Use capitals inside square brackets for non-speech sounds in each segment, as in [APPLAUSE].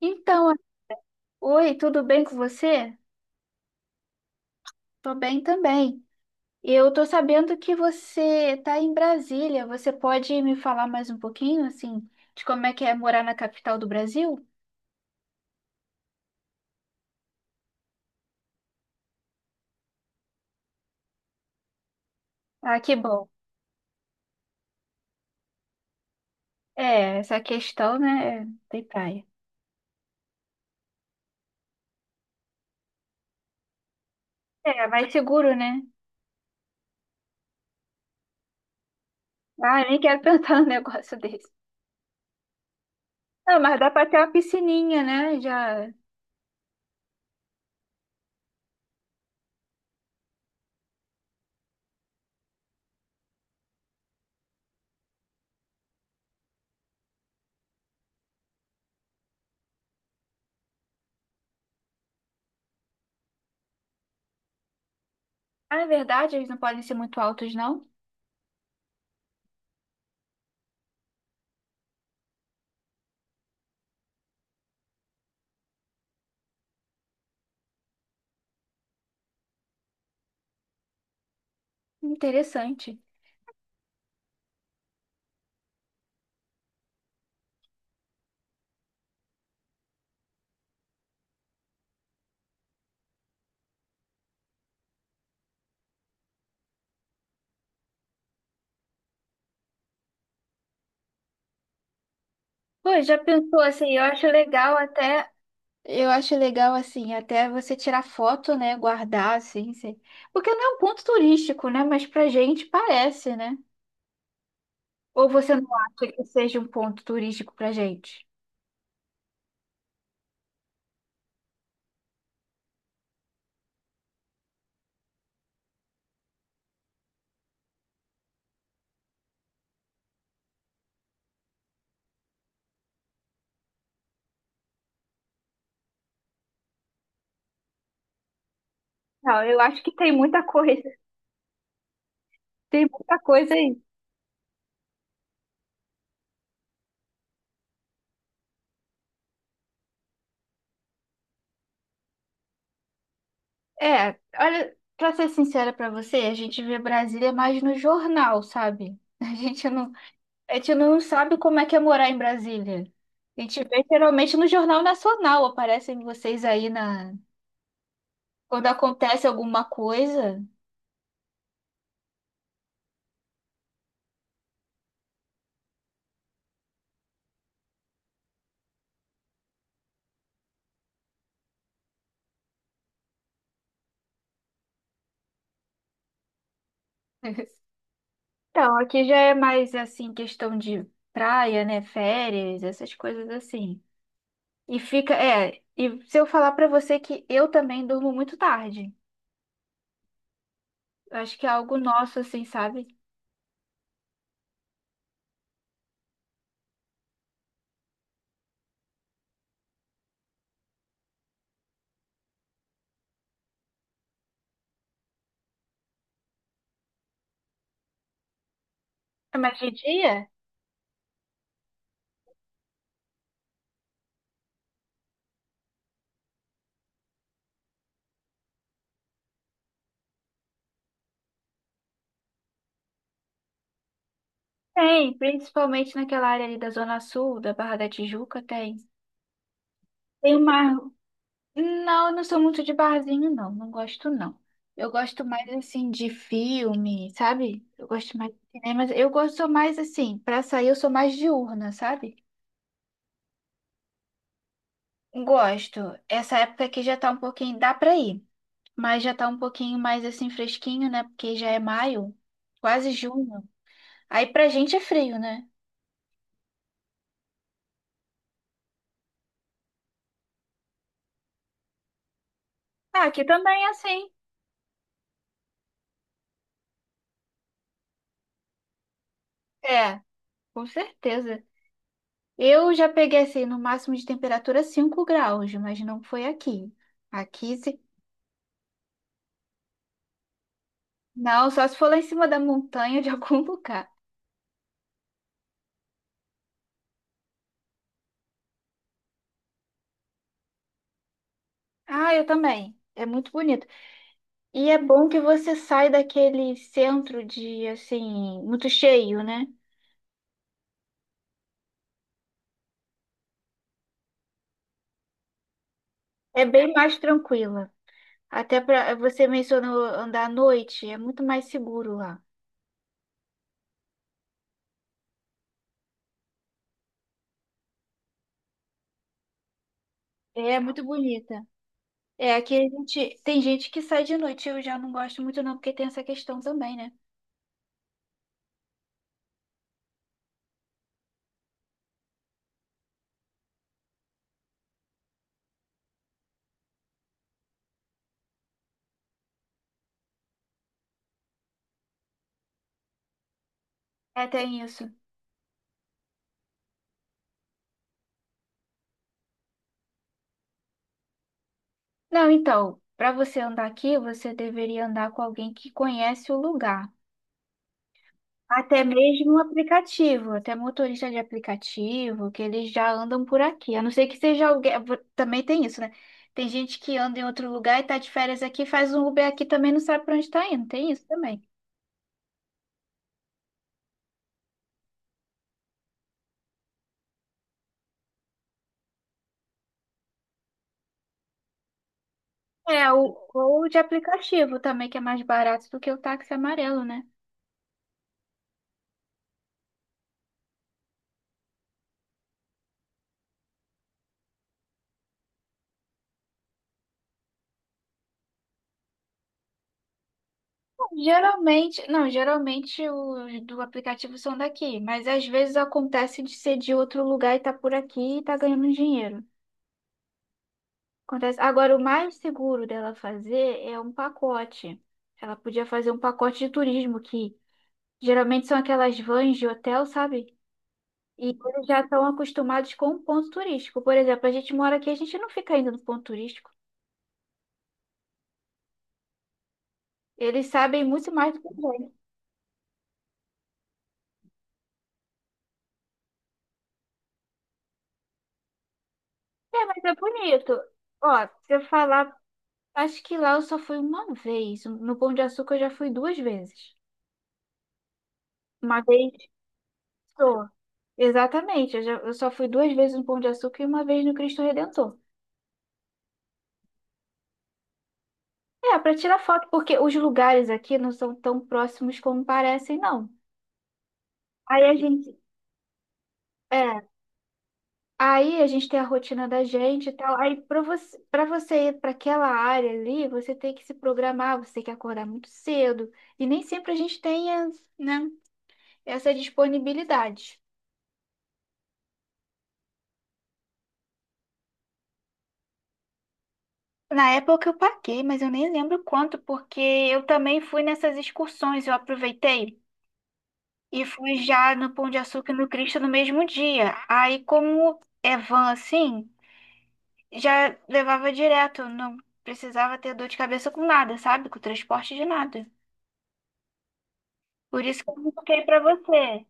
Então, oi, tudo bem com você? Tô bem também. Eu tô sabendo que você tá em Brasília. Você pode me falar mais um pouquinho, assim, de como é que é morar na capital do Brasil? Ah, que bom. É, essa questão, né? É, tem praia. É, mais seguro, né? Ah, eu nem quero [LAUGHS] pensar num negócio desse. Ah, mas dá pra ter uma piscininha, né? Já. Ah, é verdade, eles não podem ser muito altos, não? Interessante. Pô, já pensou assim? Eu acho legal até. Eu acho legal, assim, até você tirar foto, né? Guardar, assim, porque não é um ponto turístico, né? Mas pra gente parece, né? Ou você não acha que seja um ponto turístico pra gente? Não, eu acho que tem muita coisa, [LAUGHS] tem muita coisa aí. É, olha, pra ser sincera pra você, a gente vê Brasília mais no jornal, sabe? [LAUGHS] A gente não, a gente não sabe como é que é morar em Brasília. A gente vê geralmente no Jornal Nacional, aparecem vocês aí na, quando acontece alguma coisa. Então, aqui já é mais assim, questão de praia, né? Férias, essas coisas assim. E fica, é, e se eu falar pra você que eu também durmo muito tarde. Eu acho que é algo nosso, assim, sabe? É, mas de dia? Tem, principalmente naquela área ali da Zona Sul, da Barra da Tijuca, tem. Tem uma. Não, eu não sou muito de barzinho, não. Não gosto, não. Eu gosto mais assim de filme, sabe? Eu gosto mais de cinema. Eu gosto sou mais assim, pra sair eu sou mais diurna, sabe? Gosto. Essa época aqui já tá um pouquinho, dá pra ir, mas já tá um pouquinho mais assim fresquinho, né? Porque já é maio, quase junho. Aí pra gente é frio, né? Ah, aqui também é assim. É, com certeza. Eu já peguei assim, no máximo de temperatura 5 graus, mas não foi aqui. Aqui, se... Não, só se for lá em cima da montanha de [LAUGHS] algum lugar. Ah, eu também. É muito bonito. E é bom que você sai daquele centro de, assim, muito cheio, né? É bem mais tranquila. Até para você mencionou andar à noite, é muito mais seguro lá. É muito bonita. É, aqui a gente tem gente que sai de noite, eu já não gosto muito não, porque tem essa questão também, né? É, tem isso. Não, então, para você andar aqui, você deveria andar com alguém que conhece o lugar. Até mesmo um aplicativo, até motorista de aplicativo, que eles já andam por aqui. A não ser que seja alguém. Também tem isso, né? Tem gente que anda em outro lugar e tá de férias aqui, faz um Uber aqui também não sabe pra onde tá indo. Tem isso também. É, o, ou de aplicativo também, que é mais barato do que o táxi amarelo, né? Geralmente, não, geralmente os do aplicativo são daqui, mas às vezes acontece de ser de outro lugar e tá por aqui e tá ganhando dinheiro. Acontece. Agora, o mais seguro dela fazer é um pacote. Ela podia fazer um pacote de turismo, que geralmente são aquelas vans de hotel, sabe? E eles já estão acostumados com o ponto turístico. Por exemplo, a gente mora aqui, a gente não fica indo no ponto turístico. Eles sabem muito mais do que a gente. É, mas é bonito. Ó, se eu falar, acho que lá eu só fui uma vez. No Pão de Açúcar eu já fui duas vezes. Uma vez só. Exatamente, eu, eu só fui duas vezes no Pão de Açúcar e uma vez no Cristo Redentor. É, para tirar foto, porque os lugares aqui não são tão próximos como parecem, não. Aí a gente, é, aí a gente tem a rotina da gente e tal. Para você ir para aquela área ali, você tem que se programar, você tem que acordar muito cedo. E nem sempre a gente tem, né, essa disponibilidade. Na época eu paguei, mas eu nem lembro quanto, porque eu também fui nessas excursões, eu aproveitei e fui já no Pão de Açúcar e no Cristo no mesmo dia. Aí como é van assim, já levava direto, não precisava ter dor de cabeça com nada, sabe? Com transporte de nada. Por isso que eu não toquei pra você.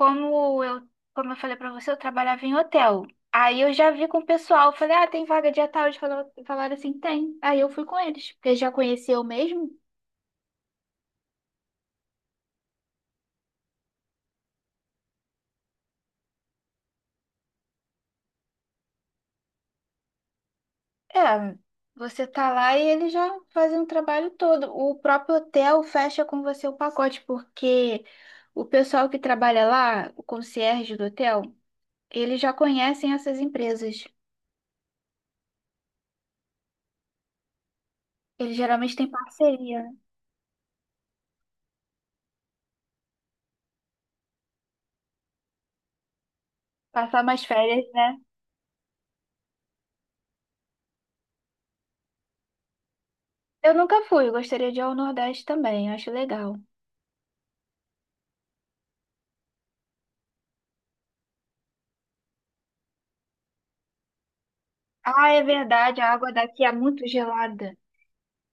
Como eu, como eu falei pra você, eu trabalhava em hotel. Aí eu já vi com o pessoal, falei, ah, tem vaga dia tal, eles falaram, assim, tem. Aí eu fui com eles, porque já conhecia eu mesmo. É, você tá lá e eles já fazem um trabalho todo. O próprio hotel fecha com você o pacote, porque o pessoal que trabalha lá, o concierge do hotel, eles já conhecem essas empresas. Eles geralmente têm parceria, né? Passar mais férias, né? Eu nunca fui, eu gostaria de ir ao Nordeste também, acho legal. Ah, é verdade, a água daqui é muito gelada.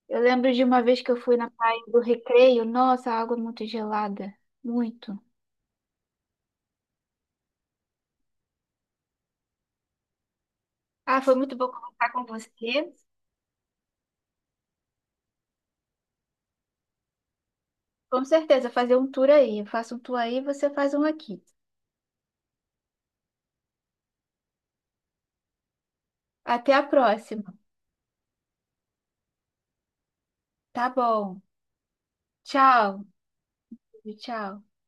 Eu lembro de uma vez que eu fui na praia do Recreio, nossa, a água é muito gelada, muito. Ah, foi muito bom conversar com você. Com certeza, fazer um tour aí. Eu faço um tour aí, você faz um aqui. Até a próxima. Tá bom. Tchau. Tchau.